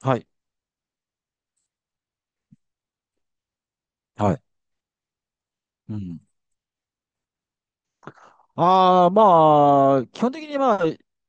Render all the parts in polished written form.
はい。はい。うん。ああ、まあ、基本的にまあ、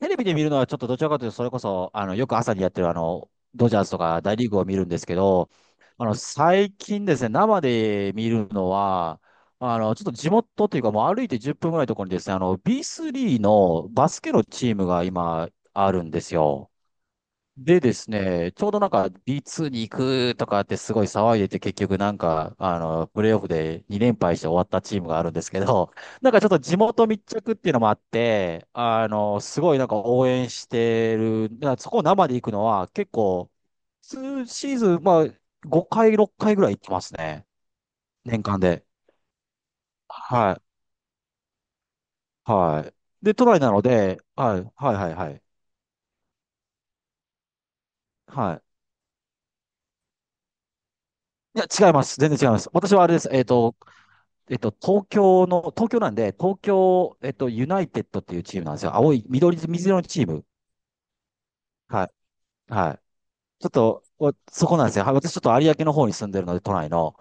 テレビで見るのはちょっとどちらかというと、それこそ、よく朝にやってるドジャースとか大リーグを見るんですけど、最近ですね、生で見るのは、ちょっと地元というか、もう歩いて10分ぐらいのところにですね、B3 のバスケのチームが今あるんですよ。でですね、ちょうどなんか B2 に行くとかってすごい騒いでて結局なんか、プレイオフで2連敗して終わったチームがあるんですけど、なんかちょっと地元密着っていうのもあって、すごいなんか応援してる、だからそこを生で行くのは結構、数シーズン、まあ、5回、6回ぐらい行ってますね。年間で。はい。はい。で、都内なので、はい、はい、はい、はい。はい。いや、違います。全然違います。私はあれです。東京の、東京なんで、東京、ユナイテッドっていうチームなんですよ。青い、緑、水色のチーム。はい。はい。ちょっと、おそこなんですよ。はい、私ちょっと有明の方に住んでるので、都内の。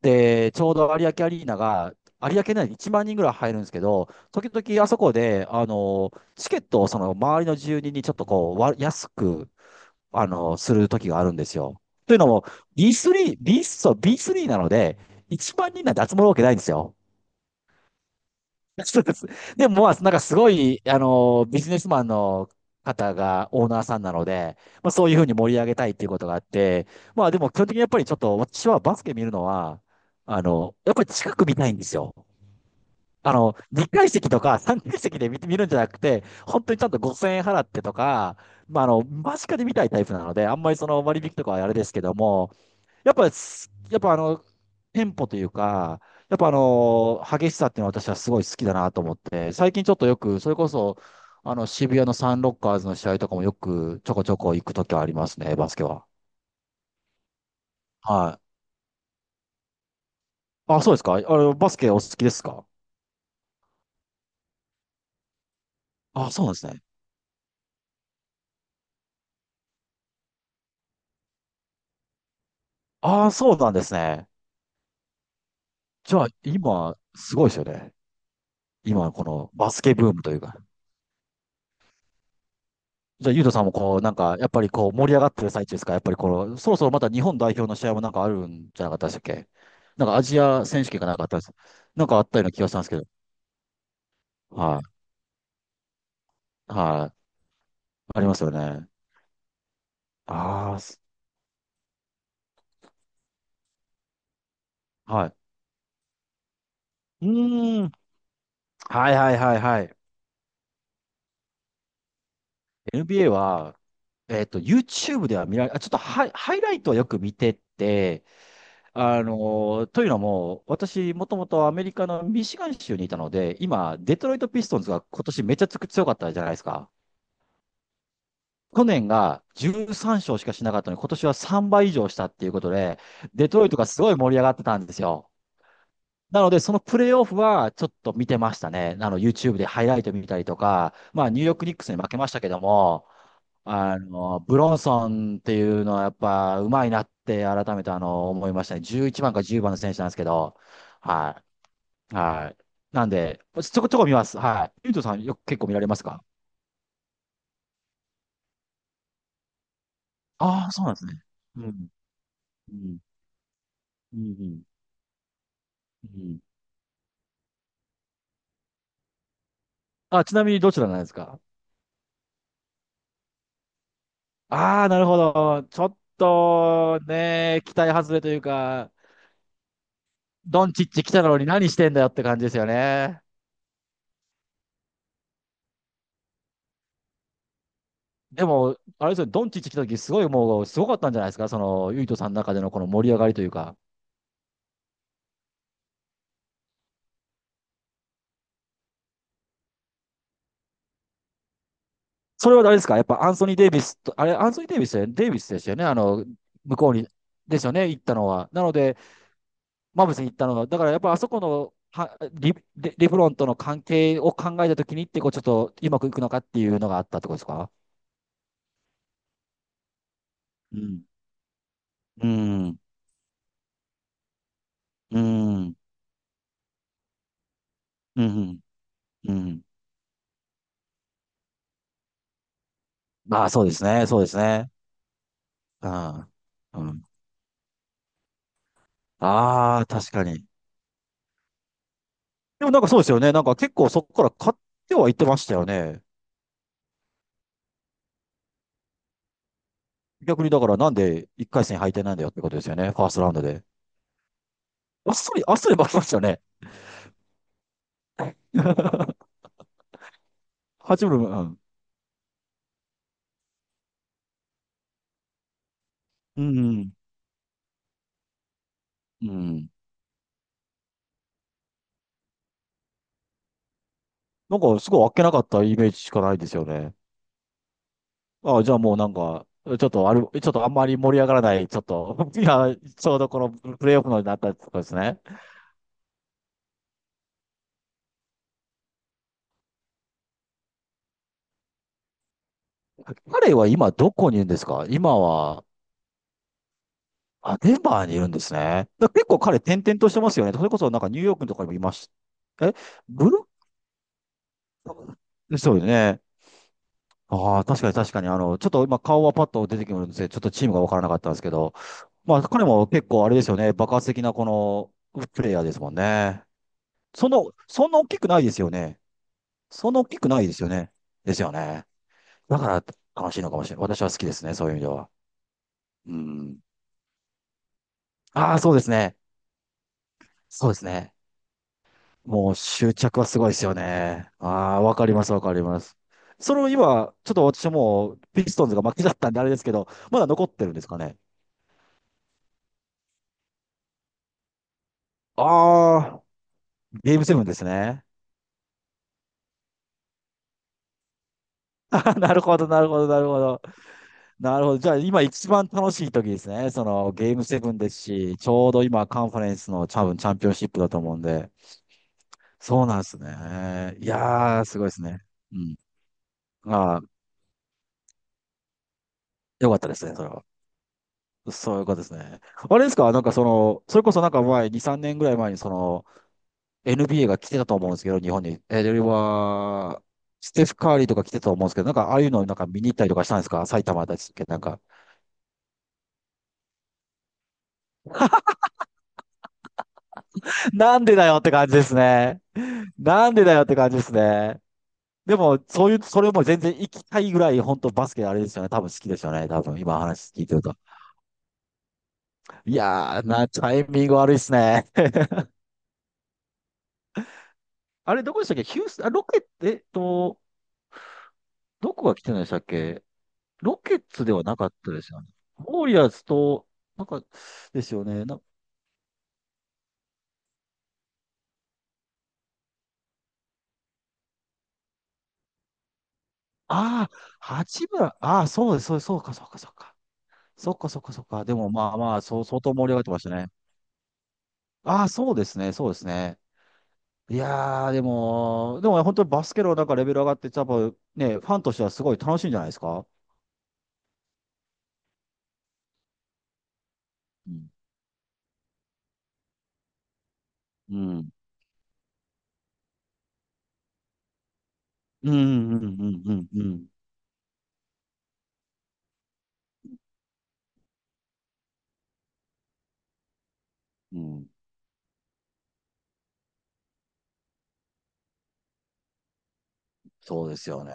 で、ちょうど有明アリーナが、有明内に1万人ぐらい入るんですけど、時々あそこで、チケットをその周りの住人にちょっとこう、わ安く、する時があるんですよ。というのも、B3、B、そう、B3 なので、1万人なんて集まるわけないんですよ。そうです。でも、まあ、なんかすごい、ビジネスマンの方がオーナーさんなので、まあ、そういうふうに盛り上げたいっていうことがあって、まあ、でも基本的にやっぱりちょっと、私はバスケ見るのは、やっぱり近く見たいんですよ。2階席とか3階席で見るんじゃなくて、本当にちゃんと5000円払ってとか、まあ、間近で見たいタイプなので、あんまりその割引とかはあれですけども、やっぱ、テンポというか、やっぱ、激しさっていうのは私はすごい好きだなと思って、最近ちょっとよく、それこそ、渋谷のサンロッカーズの試合とかもよくちょこちょこ行くときはありますね、バスケは。はい。あ、そうですか？あれ、バスケお好きですか？あ、そうなんですね。あ、そうなんですね。じゃあ、今、すごいですよね。今、このバスケブームというか。じゃあ、ゆうとさんもこう、なんか、やっぱりこう、盛り上がってる最中ですか？やっぱりこの、そろそろまた日本代表の試合もなんかあるんじゃなかったでしたっけ？なんかアジア選手権がなんかあったんです。なんかあったような気がしたんですけど。はい。はい。ありますよね。ああ、はい。うーん。はいはいはいはい。NBA は、YouTube では見られ、あ、ちょっとハイライトはよく見てて、あのというのも、私、もともとアメリカのミシガン州にいたので、今、デトロイト・ピストンズが今年めちゃつく強かったじゃないですか。去年が13勝しかしなかったのに、今年は3倍以上したっていうことで、デトロイトがすごい盛り上がってたんですよ。なので、そのプレーオフはちょっと見てましたね。YouTube でハイライト見たりとか、まあ、ニューヨークニックスに負けましたけども、ブロンソンっていうのはやっぱ上手いなって改めて思いましたね。11番か10番の選手なんですけど、はい、はい。なんで、ちょこちょこ見ます。はい。ゆうとさんよく結構見られますか？ああー、そうなんですね。うん。うん。うん。うん。うん。あ、ちなみにどちらなんですか？ああー、なるほど。ちょっとね、期待外れというか、ドンチッチ来たのに何してんだよって感じですよね。でも、あれですよね、ドンチッチ来た時すごいもう、すごかったんじゃないですか？その、ユイトさんの中でのこの盛り上がりというか。それは誰ですか？やっぱアンソニー・デイビスと、あれ、アンソニー・デイビスだよね、デイビスでしたよね。向こうに、ですよね、行ったのは。なので、マーブスに行ったのは、だからやっぱあそこの、はリ、レレブロンとの関係を考えたときにって、こうちょっとうまくいくのかっていうのがあったってことですか？うん。うん。うん。うん。うん。ああ、そうですね。そうですね。うん。うん。ああ、確かに。でもなんかそうですよね。なんか結構そこから買ってはいってましたよね。逆にだからなんで1回戦敗退なんだよってことですよね。ファーストラウンドで。あっさり、あっさり負けましたよね。八分、うん。うん。うん。なんかすごいあっけなかったイメージしかないですよね。ああ、じゃあもうなんか、ちょっとある、ちょっとあんまり盛り上がらない、ちょっと、いや、ちょうどこのプレイオフのになったところですね。彼は今どこにいるんですか？今は、あ、デンバーにいるんですね。だ結構彼転々としてますよね。それこそなんかニューヨークとかにもいました。え、ブルッそうよね。ああ、確かに確かに、ちょっと今顔はパッと出てきてるんですけど、ちょっとチームがわからなかったんですけど、まあ彼も結構あれですよね、爆発的なこのプレイヤーですもんね。その、そんな大きくないですよね。そんな大きくないですよね。ですよね。だから悲しいのかもしれない。私は好きですね、そういう意味では。うん。ああ、そうですね。そうですね。もう執着はすごいですよね。ああ、わかります、わかります。その今、ちょっと私はもうピストンズが負けだったんであれですけど、まだ残ってるんですかね。ああ、ゲームセブンですね。あー、なるほど、なるほど、なるほど。なるほど。じゃあ今一番楽しい時ですね。そのゲームセブンですし、ちょうど今カンファレンスの多分チャンピオンシップだと思うんで。そうなんですね。いやー、すごいですね。うん。ああ、よかったですね、それは。そういうことですね。あれですか？なんかその、それこそなんか前、2、3年ぐらい前にその、NBA が来てたと思うんですけど、日本に。では、ステフ・カーリーとか来てたと思うんですけど、なんかああいうのなんか見に行ったりとかしたんですか？埼玉だったっけ、なんか。なんでだよって感じですね。なんでだよって感じですね。でも、そういう、それも全然行きたいぐらい、本当バスケあれですよね。多分好きですよね。多分今話聞いてると。いやー、タイミング悪いっすね。あれ、どこでしたっけ？ヒュース、あ、ロケット、どこが来てないでしたっけ？ロケッツではなかったですよね。ウォリアーズと、なんか、ですよね。な、ああ、八村、ああ、そうです、そうです、そうか、そうか、そうか。そうか、そうか、そうか。でも、まあまあ、そう、相当盛り上がってましたね。ああ、そうですね、そうですね。いやー、でも、本当にバスケのなんかレベル上がって、多分ね、ファンとしてはすごい楽しいんじゃないですか？うん。うん。うん、うん、うん、うん、うん。うん、そうですよね。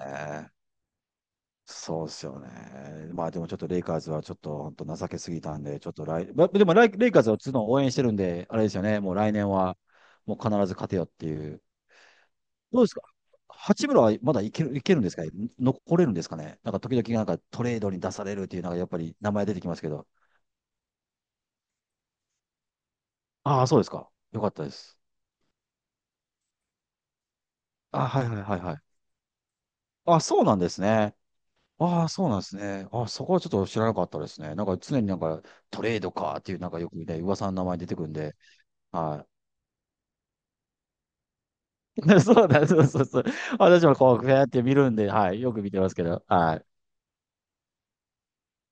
そうですよね。まあでもちょっとレイカーズはちょっと本当情けすぎたんで、ちょっと来、までも来レイカーズはの応援してるんで、あれですよね。もう来年はもう必ず勝てよっていう。どうですか？八村はまだいける、いけるんですかね？残れるんですかね？なんか時々なんかトレードに出されるっていうのがやっぱり名前出てきますけど。ああ、そうですか。よかったです。あ、はいはいはいはい。あ、そうなんですね。ああ、そうなんですね。あ、そこはちょっと知らなかったですね。なんか常になんかトレードかっていうなんかよくね、噂の名前出てくるんで、はい。そうだ、そうそうそう。私もこう、ふやって見るんで、はい。よく見てますけど、はい。